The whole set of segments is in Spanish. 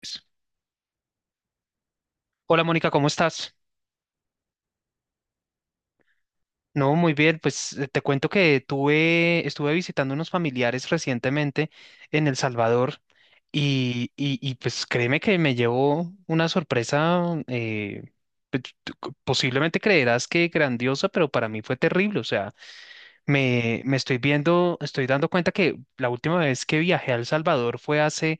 Pues, hola Mónica, ¿cómo estás? No, muy bien, pues te cuento que estuve visitando unos familiares recientemente en El Salvador y, pues créeme que me llevó una sorpresa, eh, posiblemente creerás que grandiosa, pero para mí fue terrible. O sea, me estoy viendo, estoy dando cuenta que la última vez que viajé a El Salvador fue hace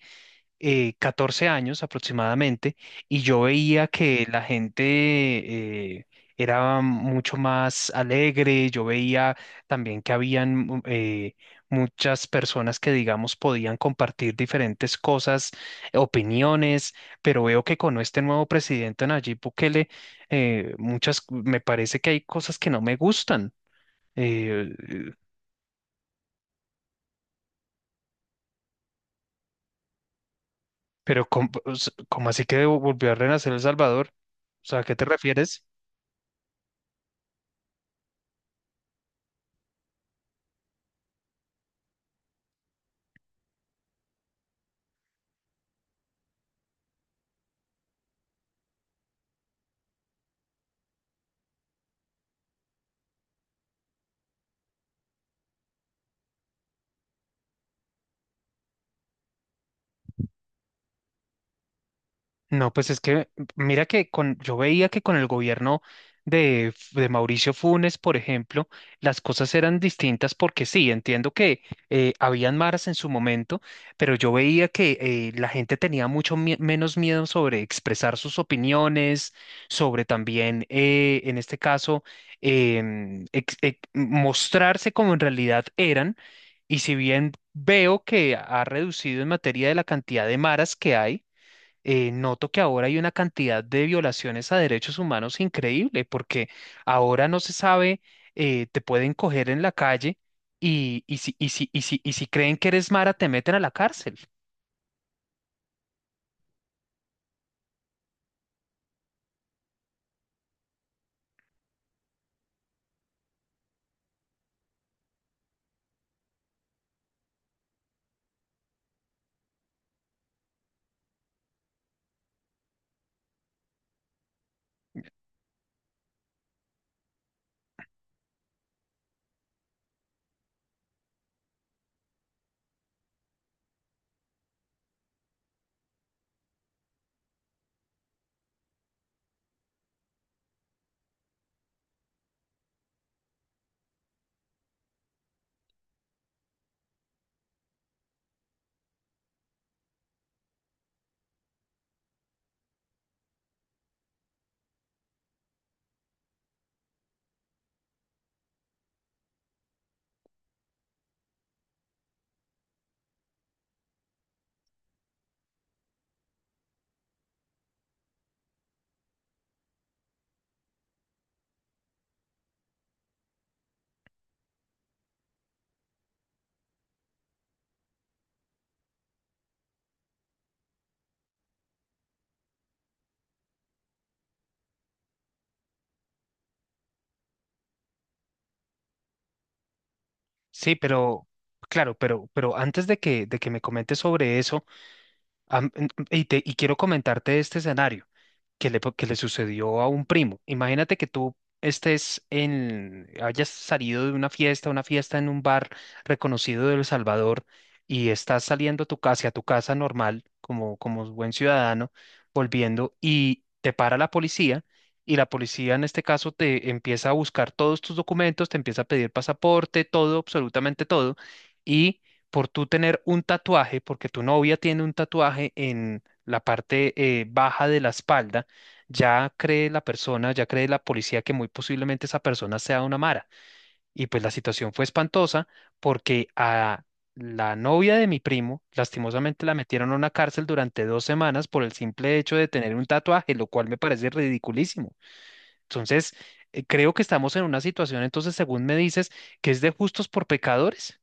14 años aproximadamente, y yo veía que la gente eh, era mucho más alegre. Yo veía también que habían muchas personas que, digamos, podían compartir diferentes cosas, opiniones, pero veo que con este nuevo presidente Nayib Bukele, muchas, me parece que hay cosas que no me gustan. eh, pero, ¿cómo así que volvió a renacer El Salvador? O sea, ¿a qué te refieres? No, pues es que mira que yo veía que con el gobierno de Mauricio Funes, por ejemplo, las cosas eran distintas porque sí, entiendo que habían maras en su momento, pero yo veía que la gente tenía mucho menos miedo sobre expresar sus opiniones, sobre también, en este caso, mostrarse como en realidad eran. Y si bien veo que ha reducido en materia de la cantidad de maras que hay, noto que ahora hay una cantidad de violaciones a derechos humanos increíble, porque ahora no se sabe, te pueden coger en la calle y, y si creen que eres mara, te meten a la cárcel. Sí, pero claro, pero antes de de que me comentes sobre eso, y quiero comentarte este escenario que le sucedió a un primo. Imagínate que tú hayas salido de una fiesta en un bar reconocido de El Salvador, y estás saliendo a tu casa, hacia tu casa normal, como buen ciudadano, volviendo, y te para la policía, y la policía en este caso te empieza a buscar todos tus documentos, te empieza a pedir pasaporte, todo, absolutamente todo. Y por tú tener un tatuaje, porque tu novia tiene un tatuaje en la parte baja de la espalda, ya cree la persona, ya cree la policía que muy posiblemente esa persona sea una mara. Y pues la situación fue espantosa porque a la novia de mi primo, lastimosamente la metieron a una cárcel durante dos semanas por el simple hecho de tener un tatuaje, lo cual me parece ridiculísimo. Entonces, creo que estamos en una situación, entonces, según me dices, que es de justos por pecadores.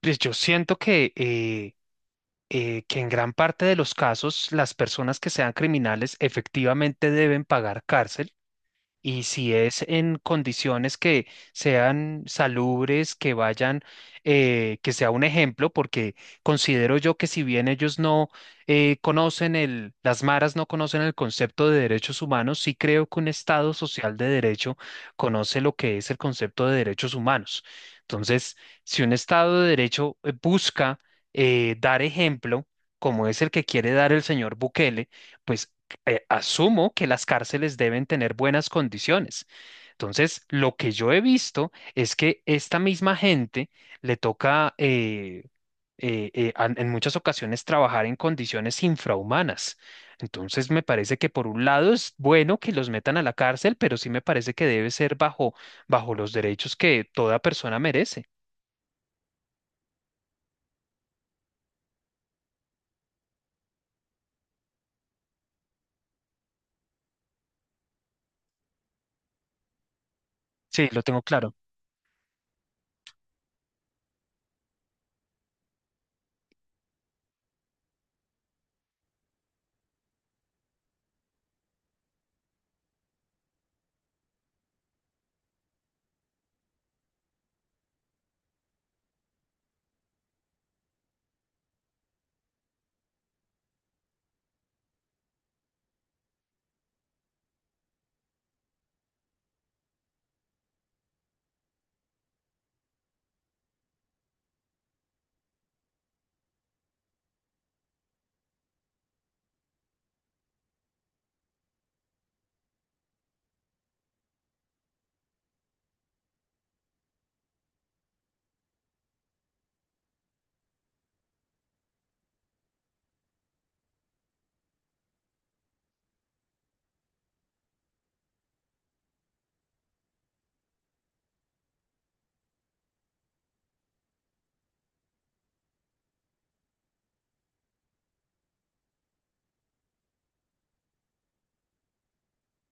Pues yo siento que que en gran parte de los casos las personas que sean criminales efectivamente deben pagar cárcel. Y si es en condiciones que sean salubres, que vayan, que sea un ejemplo, porque considero yo que si bien ellos no conocen las maras no conocen el concepto de derechos humanos, sí creo que un Estado social de derecho conoce lo que es el concepto de derechos humanos. Entonces, si un Estado de derecho busca dar ejemplo, como es el que quiere dar el señor Bukele, pues asumo que las cárceles deben tener buenas condiciones. Entonces, lo que yo he visto es que esta misma gente le toca en muchas ocasiones trabajar en condiciones infrahumanas. Entonces, me parece que por un lado es bueno que los metan a la cárcel, pero sí me parece que debe ser bajo los derechos que toda persona merece. Sí, lo tengo claro.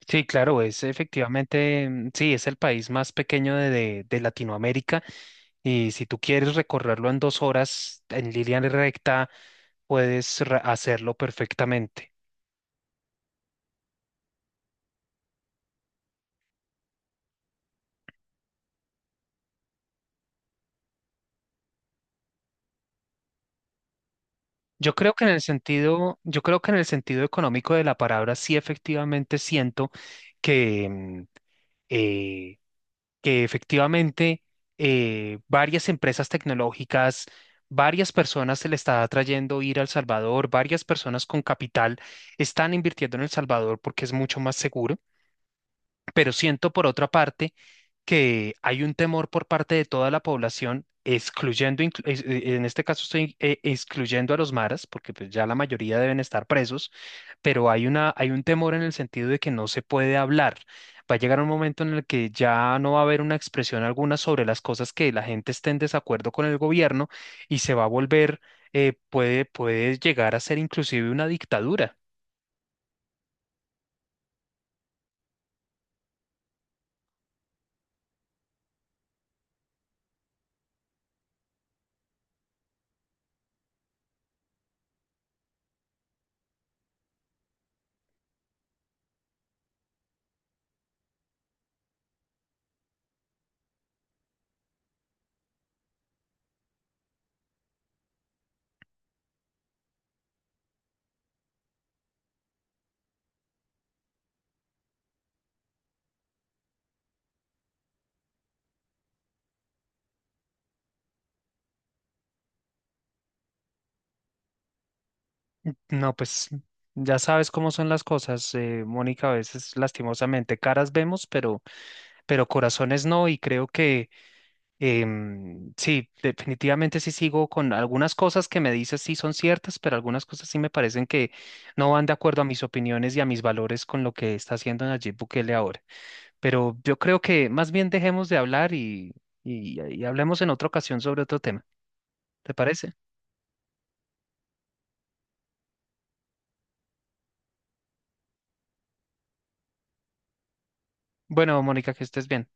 Sí, claro, es efectivamente, mm, sí, es el país más pequeño de de Latinoamérica. Y si tú quieres recorrerlo en dos horas en línea recta, puedes hacerlo perfectamente. Yo creo que en el sentido, yo creo que en el sentido económico de la palabra, sí efectivamente siento que, eh, que efectivamente varias empresas tecnológicas, varias personas se le está atrayendo ir al Salvador, varias personas con capital están invirtiendo en El Salvador porque es mucho más seguro. Pero siento por otra parte que hay un temor por parte de toda la población, excluyendo, en este caso estoy excluyendo a los maras, porque pues ya la mayoría deben estar presos, pero hay hay un temor en el sentido de que no se puede hablar. Va a llegar un momento en el que ya no va a haber una expresión alguna sobre las cosas que la gente esté en desacuerdo con el gobierno, y se va a volver, puede llegar a ser inclusive una dictadura. No, pues ya sabes cómo son las cosas, Mónica, a veces lastimosamente caras vemos, pero corazones no, y creo que sí, definitivamente sí sigo con algunas cosas que me dices sí son ciertas, pero algunas cosas sí me parecen que no van de acuerdo a mis opiniones y a mis valores con lo que está haciendo Nayib Bukele ahora. Pero yo creo que más bien dejemos de hablar, y hablemos en otra ocasión sobre otro tema. ¿Te parece? Bueno, Mónica, que estés bien.